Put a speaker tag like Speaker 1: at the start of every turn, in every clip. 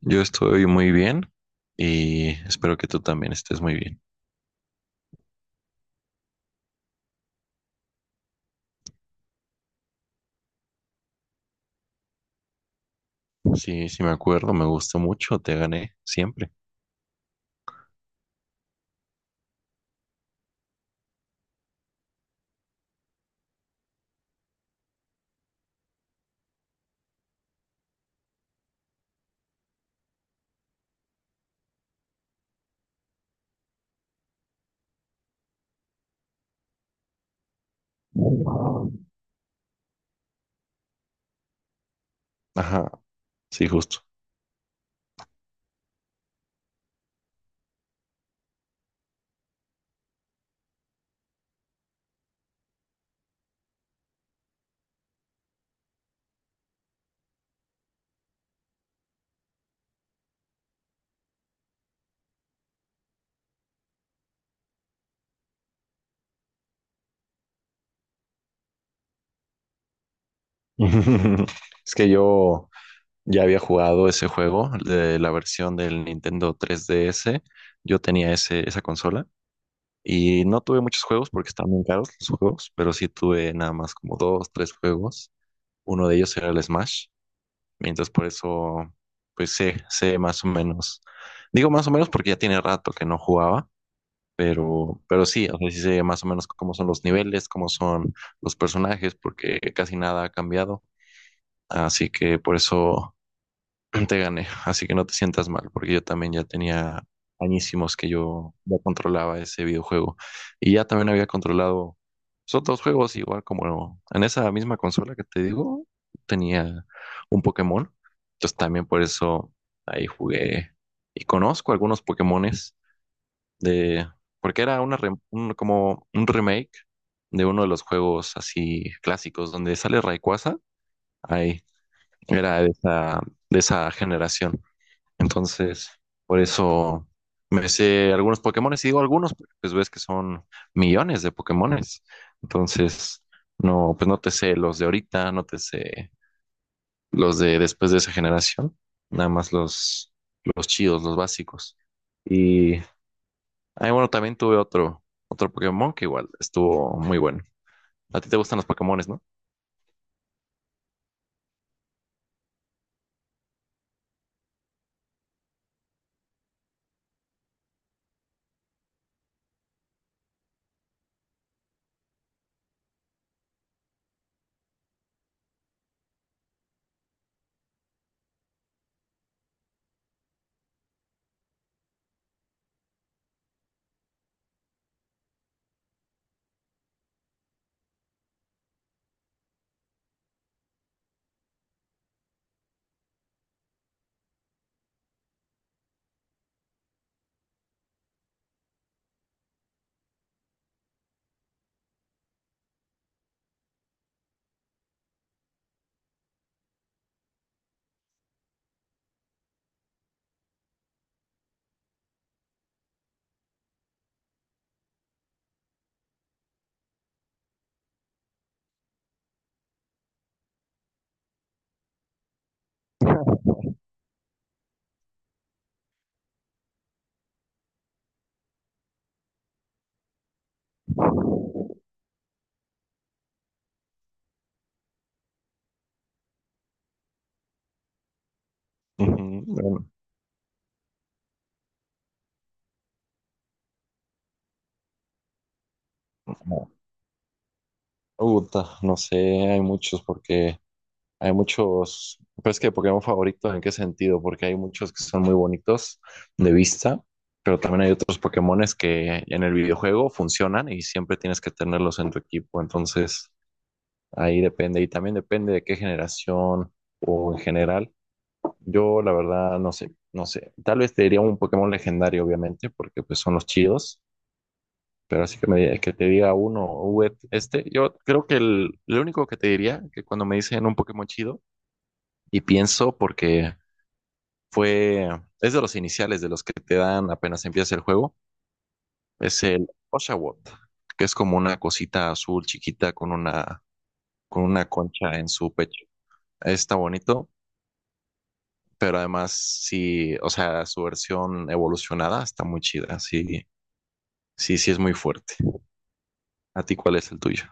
Speaker 1: Yo estoy muy bien y espero que tú también estés muy bien. Sí, me acuerdo, me gustó mucho, te gané siempre. Ajá, sí, justo. Es que yo ya había jugado ese juego de la versión del Nintendo 3DS. Yo tenía esa consola y no tuve muchos juegos porque estaban bien caros los juegos, pero sí tuve nada más como dos, tres juegos. Uno de ellos era el Smash. Entonces por eso, pues sé más o menos. Digo más o menos porque ya tiene rato que no jugaba, pero sí, o sea, sí sé más o menos cómo son los niveles, cómo son los personajes, porque casi nada ha cambiado. Así que por eso te gané, así que no te sientas mal, porque yo también ya tenía añísimos que yo ya controlaba ese videojuego. Y ya también había controlado pues, otros juegos, igual como en esa misma consola que te digo, tenía un Pokémon. Entonces también por eso ahí jugué y conozco algunos Pokémones de, porque era como un remake de uno de los juegos así clásicos donde sale Rayquaza. Ahí era de de esa generación. Entonces, por eso me sé algunos Pokémones y digo algunos, porque pues ves que son millones de Pokémones. Entonces, no, pues no te sé los de ahorita, no te sé los de después de esa generación, nada más los chidos, los básicos. Y, ay, bueno, también tuve otro Pokémon que igual estuvo muy bueno. A ti te gustan los Pokémones, ¿no? Ujú, bueno, no, puta, no sé, hay muchos porque hay muchos, pues que Pokémon favoritos, ¿en qué sentido? Porque hay muchos que son muy bonitos de vista, pero también hay otros Pokémones que en el videojuego funcionan y siempre tienes que tenerlos en tu equipo. Entonces, ahí depende. Y también depende de qué generación o en general. Yo, la verdad, no sé. Tal vez te diría un Pokémon legendario, obviamente, porque pues son los chidos. Pero así que, que te diga uno, este, yo creo que lo único que te diría, que cuando me dicen un Pokémon chido, y pienso porque fue, es de los iniciales de los que te dan apenas empiezas el juego, es el Oshawott, que es como una cosita azul chiquita con con una concha en su pecho. Está bonito, pero además sí, o sea, su versión evolucionada está muy chida, sí, es muy fuerte. ¿A ti cuál es el tuyo?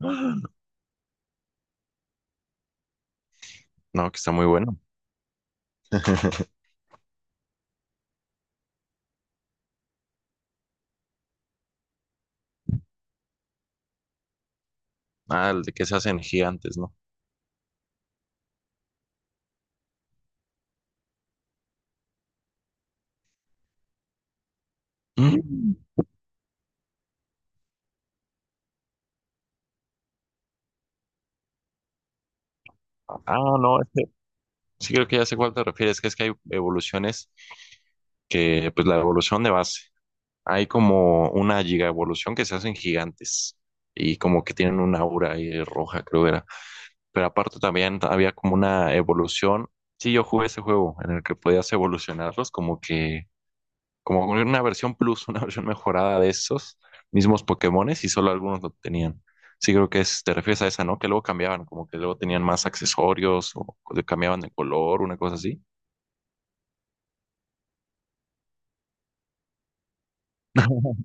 Speaker 1: No, que está muy bueno. Ah, el de que se hacen gigantes, ¿no? Mm. Ah, no, este, sí creo que ya sé cuál te refieres, que es que hay evoluciones que pues la evolución de base. Hay como una giga evolución que se hacen gigantes y como que tienen una aura ahí roja, creo era. Pero aparte también había como una evolución. Sí, yo jugué ese juego en el que podías evolucionarlos como que, como una versión plus, una versión mejorada de esos mismos Pokémones y solo algunos lo tenían. Sí, creo que es, te refieres a esa, ¿no? Que luego cambiaban, como que luego tenían más accesorios o cambiaban de color, una cosa así.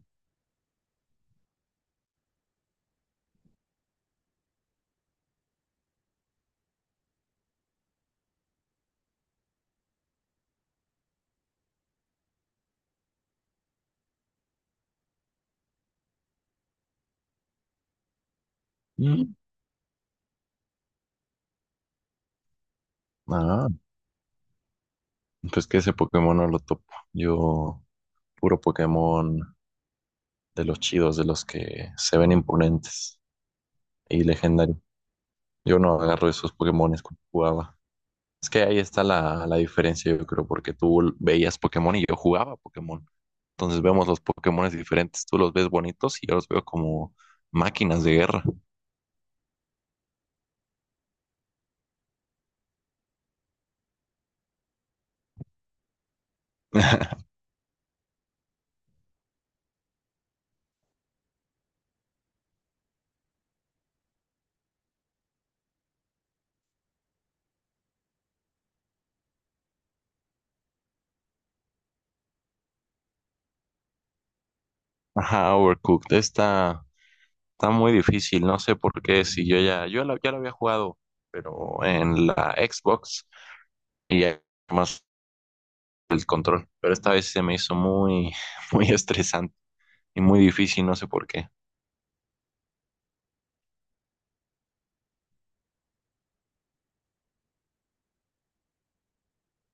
Speaker 1: Mm. Ah. Pues que ese Pokémon no lo topo. Yo, puro Pokémon de los chidos, de los que se ven imponentes y legendarios. Yo no agarro esos Pokémones cuando jugaba. Es que ahí está la diferencia, yo creo, porque tú veías Pokémon y yo jugaba Pokémon. Entonces vemos los Pokémones diferentes. Tú los ves bonitos y yo los veo como máquinas de guerra. Ajá, Overcooked. Está muy difícil. No sé por qué. Si yo ya, ya lo había jugado, pero en la Xbox y ya más control, pero esta vez se me hizo muy, muy estresante y muy difícil, no sé por qué.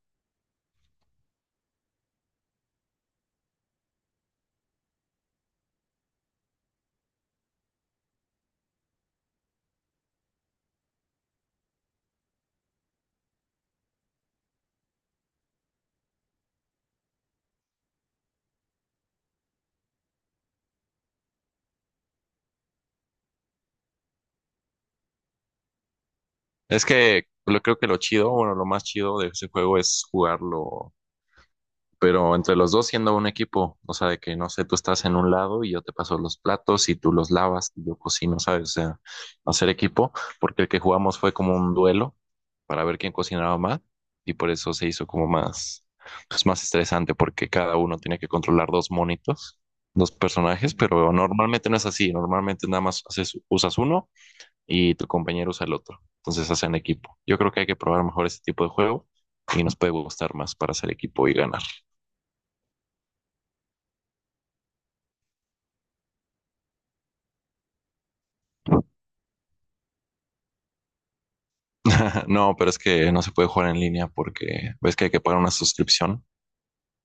Speaker 1: Es que lo, creo que lo chido, bueno, lo más chido de ese juego es jugarlo pero entre los dos siendo un equipo, o sea, de que no sé, tú estás en un lado y yo te paso los platos y tú los lavas y yo cocino, ¿sabes? O sea, hacer equipo, porque el que jugamos fue como un duelo para ver quién cocinaba más y por eso se hizo como más, pues más estresante porque cada uno tiene que controlar dos monitos, dos personajes, pero normalmente no es así, normalmente nada más haces, usas uno y tu compañero usa el otro, entonces hacen equipo. Yo creo que hay que probar mejor ese tipo de juego y nos puede gustar más para hacer equipo y ganar. No, pero es que no se puede jugar en línea porque ves que hay que pagar una suscripción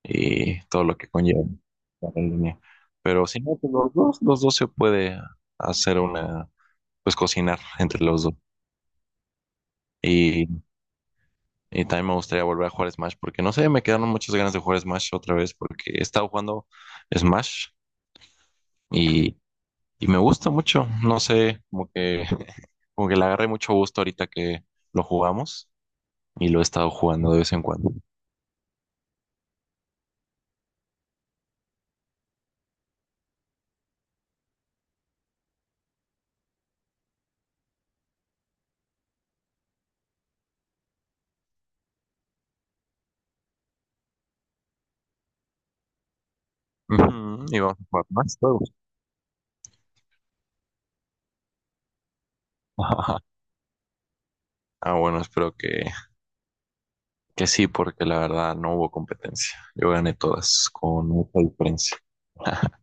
Speaker 1: y todo lo que conlleva jugar en línea. Pero si no, pues los dos se puede hacer una, pues cocinar entre los dos. Y, y también me gustaría volver a jugar Smash porque no sé, me quedaron muchas ganas de jugar Smash otra vez porque he estado jugando Smash y, y me gusta mucho. No sé, como que, como que le agarré mucho gusto ahorita que lo jugamos y lo he estado jugando de vez en cuando. Ujú, y vamos a jugar más. Ah, bueno, que sí, porque la verdad no hubo competencia. Yo gané todas con mucha diferencia.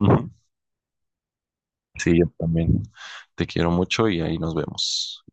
Speaker 1: Ujú. Sí, yo también. Te quiero mucho y ahí nos vemos.